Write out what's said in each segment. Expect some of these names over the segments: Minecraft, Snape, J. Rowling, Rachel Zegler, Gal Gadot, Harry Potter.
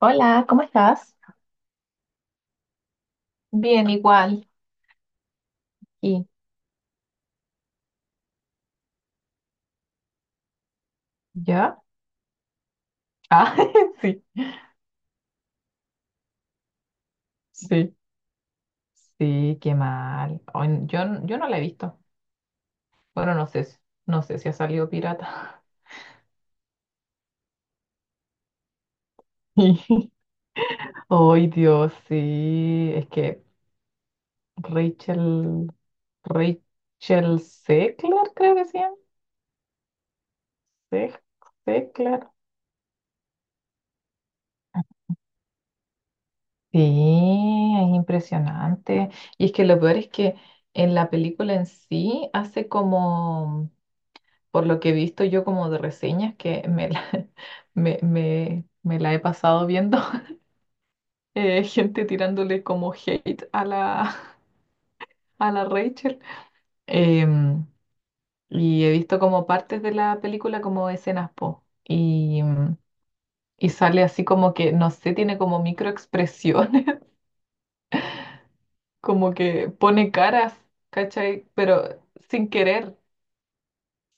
Hola, ¿cómo estás? Bien, igual. ¿Y ¿ya? Ah, sí, sí, sí, qué mal. Ay, yo, yo no la he visto. Bueno, no sé, no sé si ha salido pirata. Ay, Dios, sí. Es que Rachel, Rachel Zegler, creo que se llama. Zeg- Zegler. Sí, es impresionante. Y es que lo peor es que en la película en sí hace como por lo que he visto yo como de reseñas que me la, me la he pasado viendo, gente tirándole como hate a la, a la Rachel. Em, y he visto como partes de la película como escenas po. Y, y sale así como que, no sé, tiene como microexpresiones, como que pone caras, ¿cachai? Pero sin querer,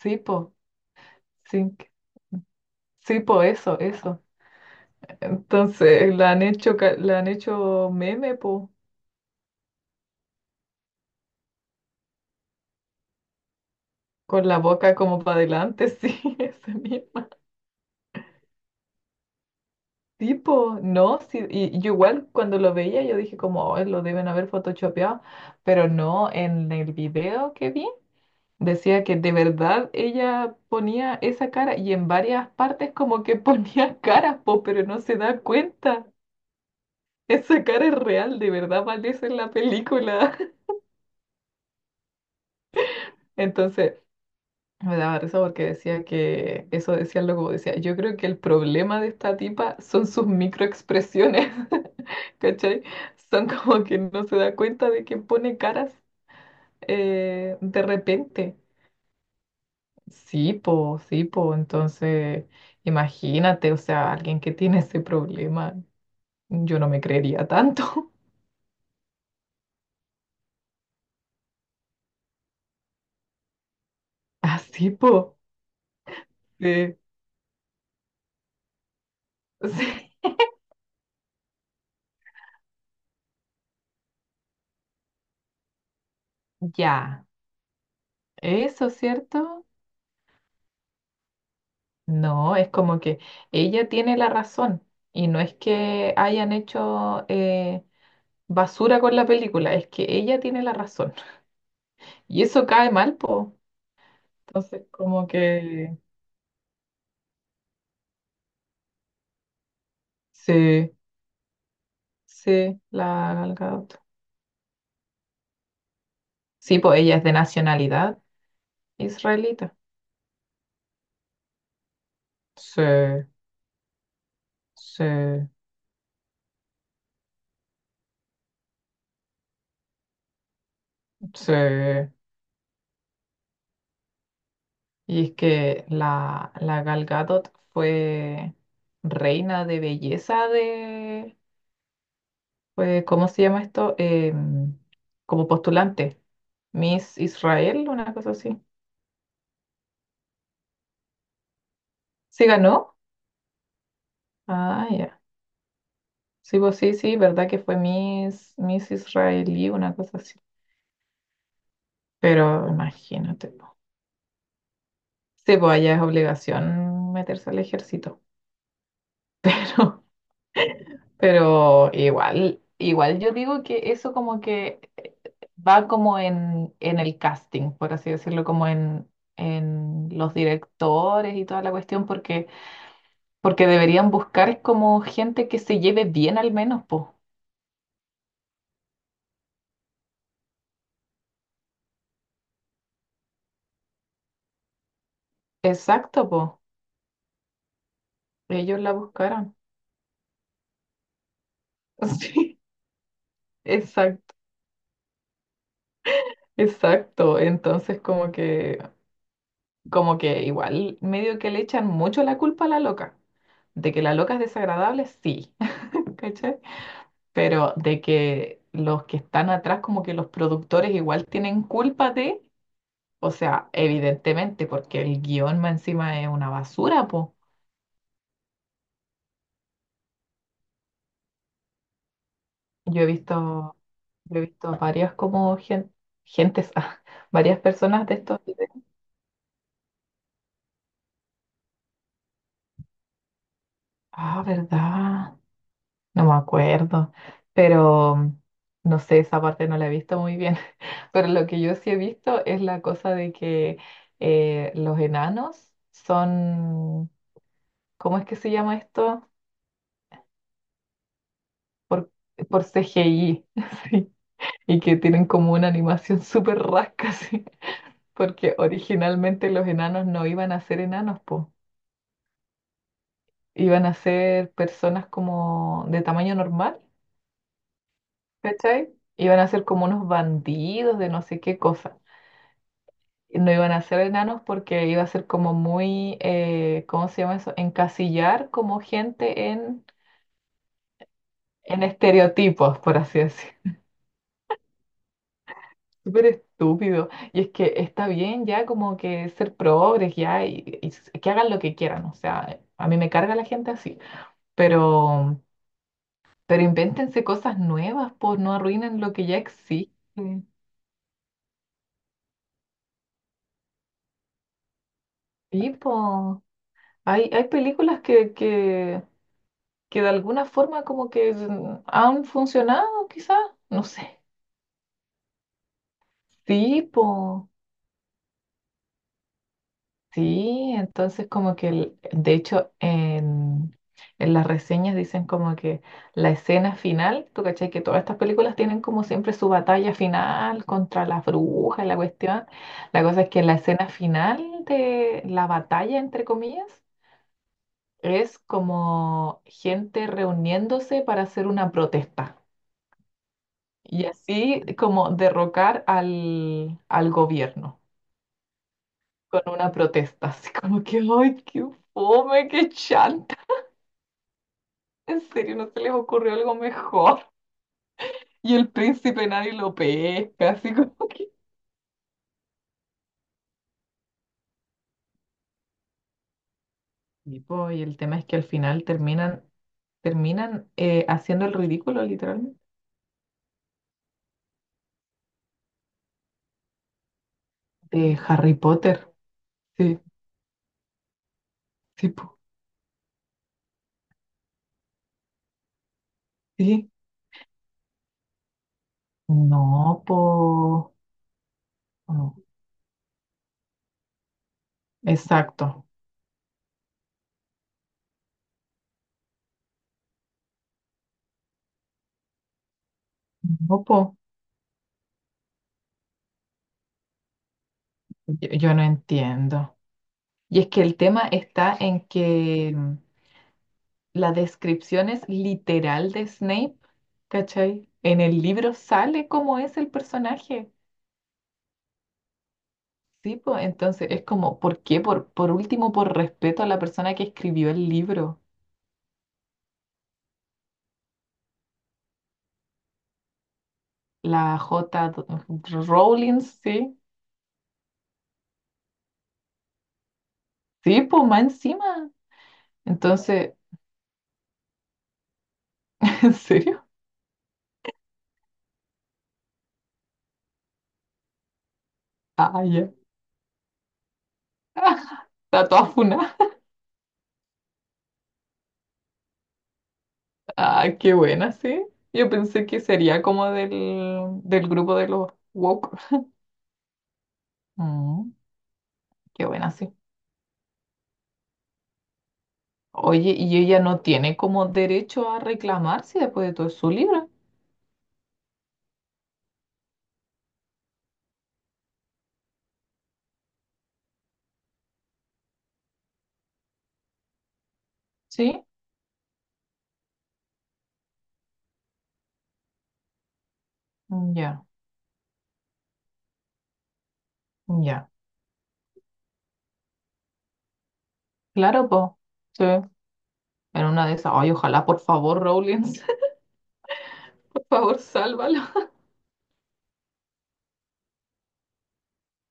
sí, po, sin, que- sí, po, eso, eso. Entonces, la han hecho, la han hecho meme, po. Con la boca como para adelante, sí, ese mismo tipo, ¿no? Sí, y yo igual cuando lo veía yo dije como, "Oh, lo deben haber photoshopeado, pero no, en el video que vi decía que de verdad ella ponía esa cara y en varias partes como que ponía caras, po, pero no se da cuenta. Esa cara es real, de verdad aparece en la película. Entonces, me daba risa porque decía que, eso decía algo decía, yo creo que el problema de esta tipa son sus microexpresiones, ¿cachai? Son como que no se da cuenta de que pone caras de repente. Sí, po, entonces imagínate, o sea, alguien que tiene ese problema, yo no me creería tanto. Así, po, sí, sí. Ya, eso, ¿cierto? No, es como que ella tiene la razón y no es que hayan hecho basura con la película, es que ella tiene la razón y eso cae mal, po. Entonces, como que sí, sí, la Gal Gadot. Sí, pues ella es de nacionalidad israelita. Sí, sí, sí. Y es que la, la Gal Gadot fue reina de belleza de fue, ¿cómo se llama esto? Como postulante. Miss Israel, una cosa así. ¿Sí ganó? Ah, ya. Sí, pues sí, sí, verdad que fue Miss, Miss Israelí, una cosa así. Pero imagínate, po. Sí, pues allá es obligación meterse al ejército. Pero igual, igual yo digo que eso como que va como en el casting, por así decirlo, como en los directores y toda la cuestión, porque porque deberían buscar como gente que se lleve bien al menos, po. Exacto, po. Ellos la buscaron. Sí, exacto, exacto. Entonces como que igual medio que le echan mucho la culpa a la loca. De que la loca es desagradable, sí. ¿Cachai? Pero de que los que están atrás, como que los productores igual tienen culpa de, o sea, evidentemente, porque el guión más encima es una basura, po. Yo he visto, yo he visto varias como gentes, ah, varias personas de estos videos. Ah, ¿verdad? No me acuerdo, pero no sé, esa parte no la he visto muy bien. Pero lo que yo sí he visto es la cosa de que los enanos son, ¿cómo es que se llama esto? Por CGI, sí, y que tienen como una animación súper rasca, sí, porque originalmente los enanos no iban a ser enanos, pues iban a ser personas como de tamaño normal, ¿cachai? Iban a ser como unos bandidos de no sé qué cosa. Y no iban a ser enanos porque iba a ser como muy, ¿cómo se llama eso? Encasillar como gente en estereotipos, por así decir. Súper estúpido. Y es que está bien ya como que ser progres ya y, que hagan lo que quieran. O sea, a mí me carga la gente así. Pero, pero invéntense cosas nuevas, pues no arruinen lo que ya existe. Sí, po. Hay películas que de alguna forma como que han funcionado, quizás, no sé. Sí, po. Sí, entonces como que, de hecho, en las reseñas dicen como que la escena final, tú cachai que todas estas películas tienen como siempre su batalla final contra las brujas, y la cuestión. La cosa es que la escena final de la batalla, entre comillas, es como gente reuniéndose para hacer una protesta y así como derrocar al, al gobierno con una protesta, así como que, ay, qué fome, qué chanta, en serio, no se les ocurrió algo mejor. Y el príncipe nadie lo pesca, así como que... Y, po, y el tema es que al final terminan, terminan haciendo el ridículo, literalmente, de Harry Potter. Sí, sí, po, sí. No, po. Exacto. No, po, yo no entiendo. Y es que el tema está en que la descripción es literal de Snape, ¿cachai? En el libro sale cómo es el personaje. Sí, pues entonces es como, ¿por qué? Por último, por respeto a la persona que escribió el libro, la J. Rowling, sí. Sí, pues más encima. Entonces, ¿en serio? Ah, ya. Está toda funada. Ah, qué buena, sí. Yo pensé que sería como del, del grupo de los woke. Mm, qué buena, sí. Oye, y ella no tiene como derecho a reclamar si después de todo es su libro, ¿sí? Mm, ya, mm, ya. Claro, po. Sí. En una de esas. Ay, ojalá, por favor, Rowling, por favor, sálvalo.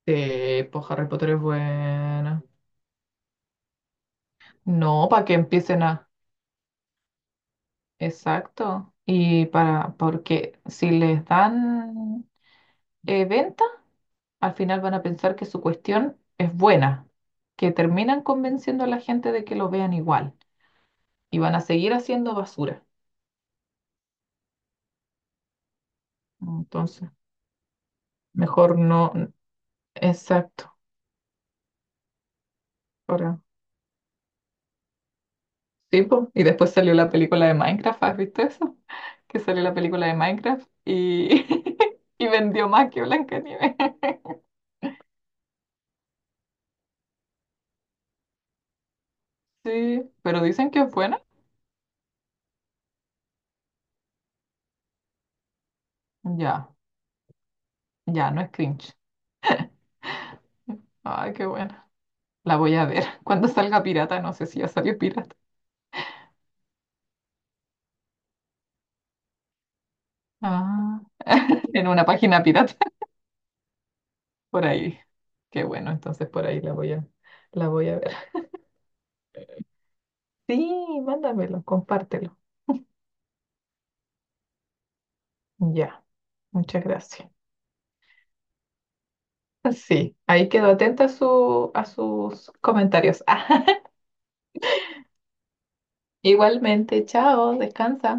Sí, pues Harry Potter es buena. No, para que empiecen a. Exacto. Y para, porque si les dan eventos al final van a pensar que su cuestión es buena, que terminan convenciendo a la gente de que lo vean igual y van a seguir haciendo basura. Entonces, mejor no. Exacto. Ahora, sí, po. Y después salió la película de Minecraft, ¿has visto eso? Que salió la película de Minecraft y, y vendió más que Blancanieves. Sí, pero dicen que es buena. Ya, ya, no es cringe. Ay, qué buena. La voy a ver. Cuando salga pirata, no sé si ya salió pirata. Ah, en una página pirata. Por ahí. Qué bueno, entonces por ahí la voy a ver. Sí, mándamelo, compártelo. Ya, muchas gracias. Sí, ahí quedo atenta a su, a sus comentarios. Igualmente, chao, descansa.